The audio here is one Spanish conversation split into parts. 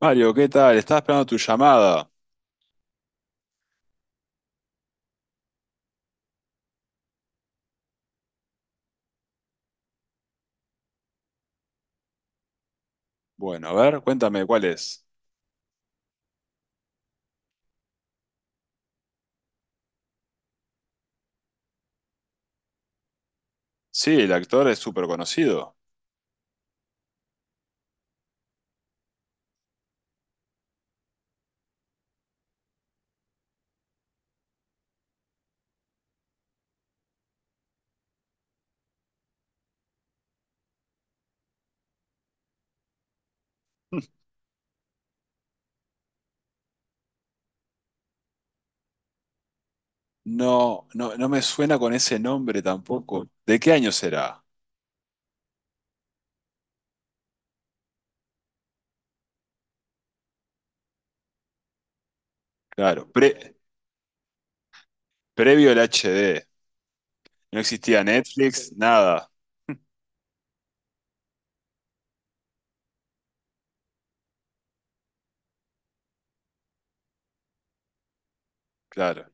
Mario, ¿qué tal? Estaba esperando tu llamada. Bueno, a ver, cuéntame cuál es. Sí, el actor es súper conocido. No, no, no me suena con ese nombre tampoco. ¿De qué año será? Claro, previo al HD. No existía Netflix, nada. Claro,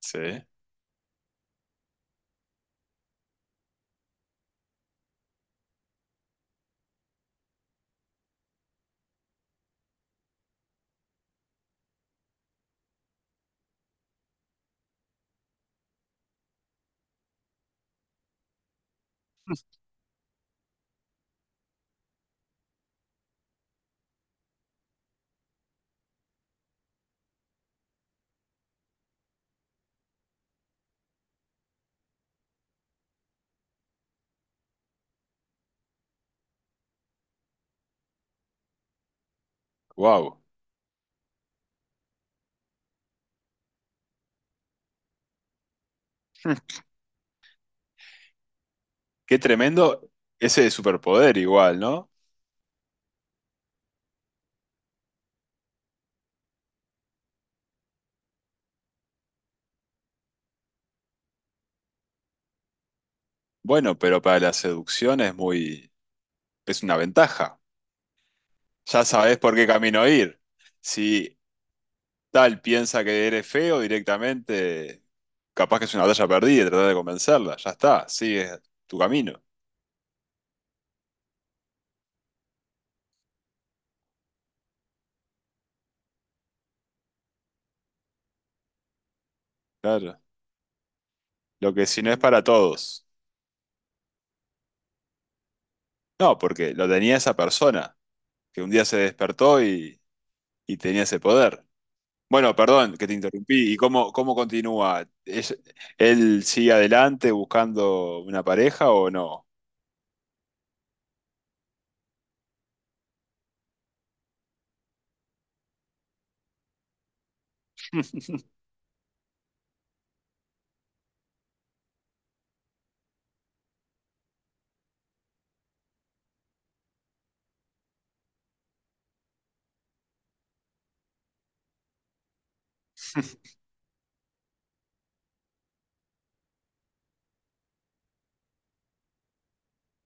sí. Wow. Qué tremendo ese superpoder igual, ¿no? Bueno, pero para la seducción es muy, es una ventaja. Ya sabes por qué camino ir. Si tal piensa que eres feo directamente, capaz que es una batalla perdida y tratar de convencerla, ya está, sigue tu camino. Claro. Lo que si no es para todos. No, porque lo tenía esa persona, que un día se despertó y tenía ese poder. Bueno, perdón que te interrumpí. ¿Y cómo, cómo continúa? ¿Es- ¿Él sigue adelante buscando una pareja o no?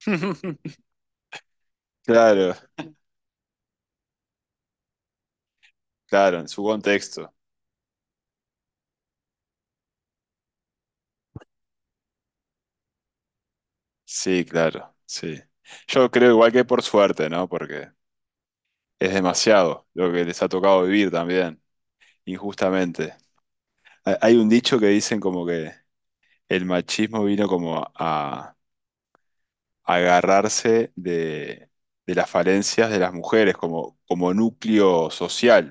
Claro, claro, en su contexto. Sí, claro, sí. Yo creo igual que por suerte, ¿no? Porque es demasiado lo que les ha tocado vivir también, injustamente. Hay un dicho que dicen como que el machismo vino como a agarrarse de las falencias de las mujeres como, como núcleo social.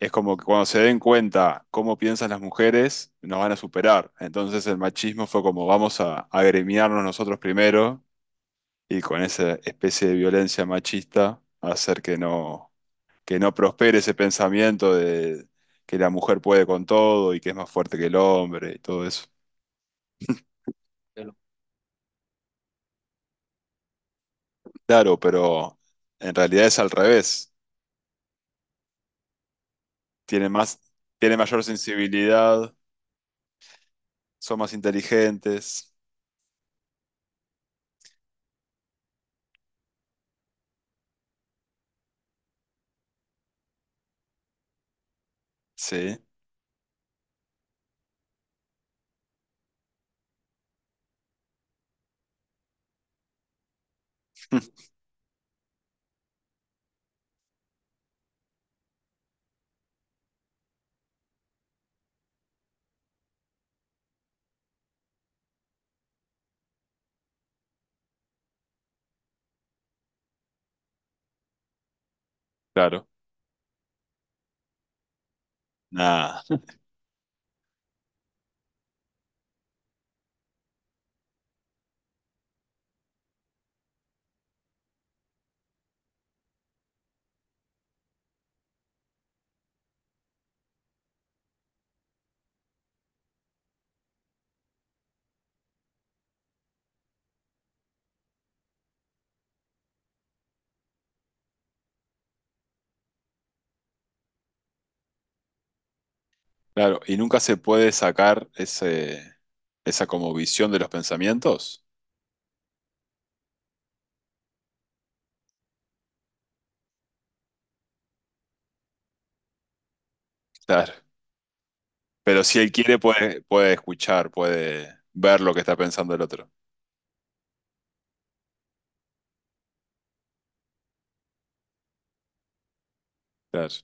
Es como que cuando se den cuenta cómo piensan las mujeres, nos van a superar. Entonces el machismo fue como vamos a agremiarnos nosotros primero y con esa especie de violencia machista hacer que no prospere ese pensamiento de que la mujer puede con todo y que es más fuerte que el hombre y todo eso. Claro. Claro, pero en realidad es al revés. Tiene más, tiene mayor sensibilidad, son más inteligentes. Sí, claro. Nada, claro. ¿Y nunca se puede sacar ese, esa como visión de los pensamientos? Claro. Pero si él quiere, puede, puede escuchar, puede ver lo que está pensando el otro. Claro.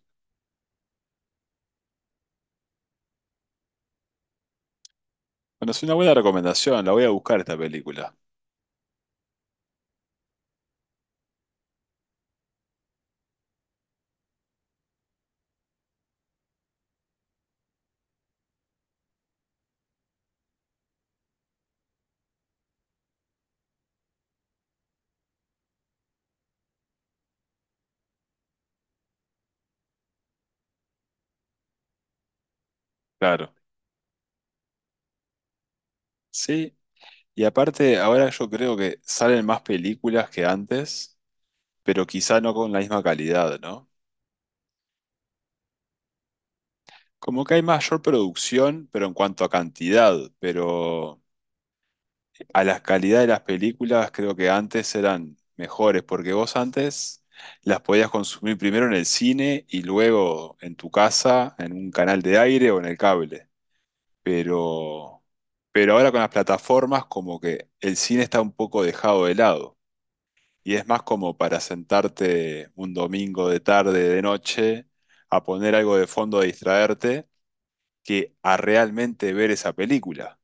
Bueno, es una buena recomendación, la voy a buscar esta película. Claro. Sí, y aparte ahora yo creo que salen más películas que antes, pero quizá no con la misma calidad, ¿no? Como que hay mayor producción, pero en cuanto a cantidad, pero a la calidad de las películas creo que antes eran mejores, porque vos antes las podías consumir primero en el cine y luego en tu casa, en un canal de aire o en el cable. pero, pero ahora con las plataformas como que el cine está un poco dejado de lado y es más como para sentarte un domingo de tarde, de noche, a poner algo de fondo a distraerte que a realmente ver esa película.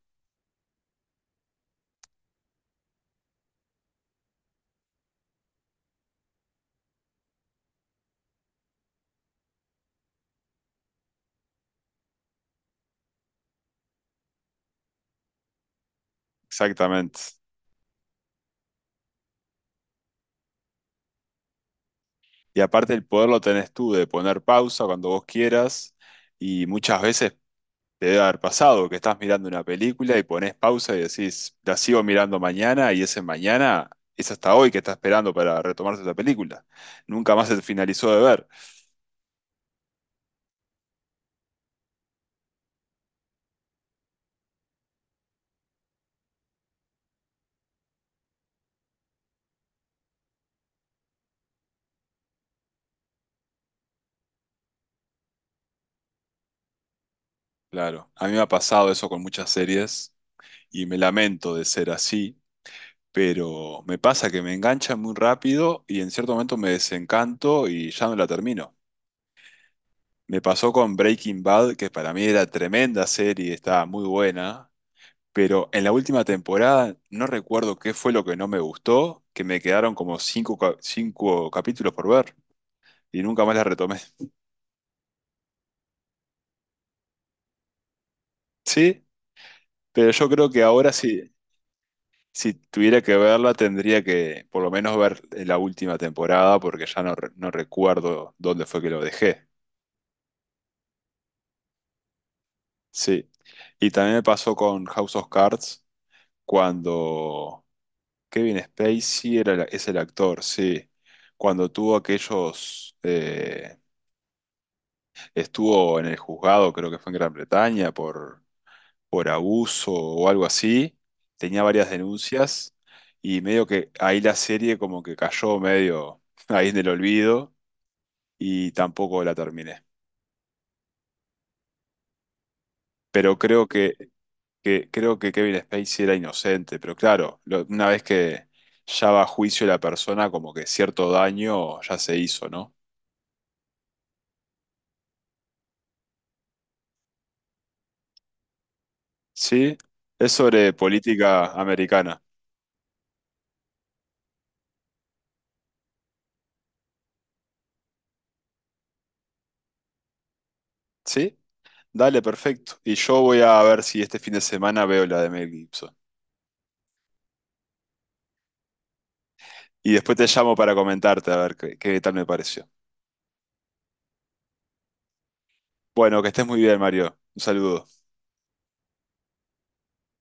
Exactamente. Y aparte el poder lo tenés tú de poner pausa cuando vos quieras y muchas veces te debe haber pasado que estás mirando una película y pones pausa y decís, la sigo mirando mañana, y ese mañana es hasta hoy que está esperando para retomarse la película. Nunca más se finalizó de ver. Claro, a mí me ha pasado eso con muchas series y me lamento de ser así, pero me pasa que me engancha muy rápido y en cierto momento me desencanto y ya no la termino. Me pasó con Breaking Bad, que para mí era tremenda serie, estaba muy buena, pero en la última temporada no recuerdo qué fue lo que no me gustó, que me quedaron como cinco, cinco capítulos por ver y nunca más la retomé. Sí, pero yo creo que ahora sí, si tuviera que verla tendría que por lo menos ver la última temporada porque ya no, no recuerdo dónde fue que lo dejé. Sí. Y también me pasó con House of Cards cuando Kevin Spacey es el actor, sí. Cuando tuvo aquellos... estuvo en el juzgado, creo que fue en Gran Bretaña, por abuso o algo así. Tenía varias denuncias y medio que ahí la serie como que cayó medio ahí en el olvido y tampoco la terminé. Pero creo que, creo que Kevin Spacey era inocente, pero claro, lo- una vez que ya va a juicio la persona, como que cierto daño ya se hizo, ¿no? Sí, es sobre política americana. ¿Sí? Dale, perfecto. Y yo voy a ver si este fin de semana veo la de Mel Gibson. Y después te llamo para comentarte a ver qué, qué tal me pareció. Bueno, que estés muy bien, Mario. Un saludo.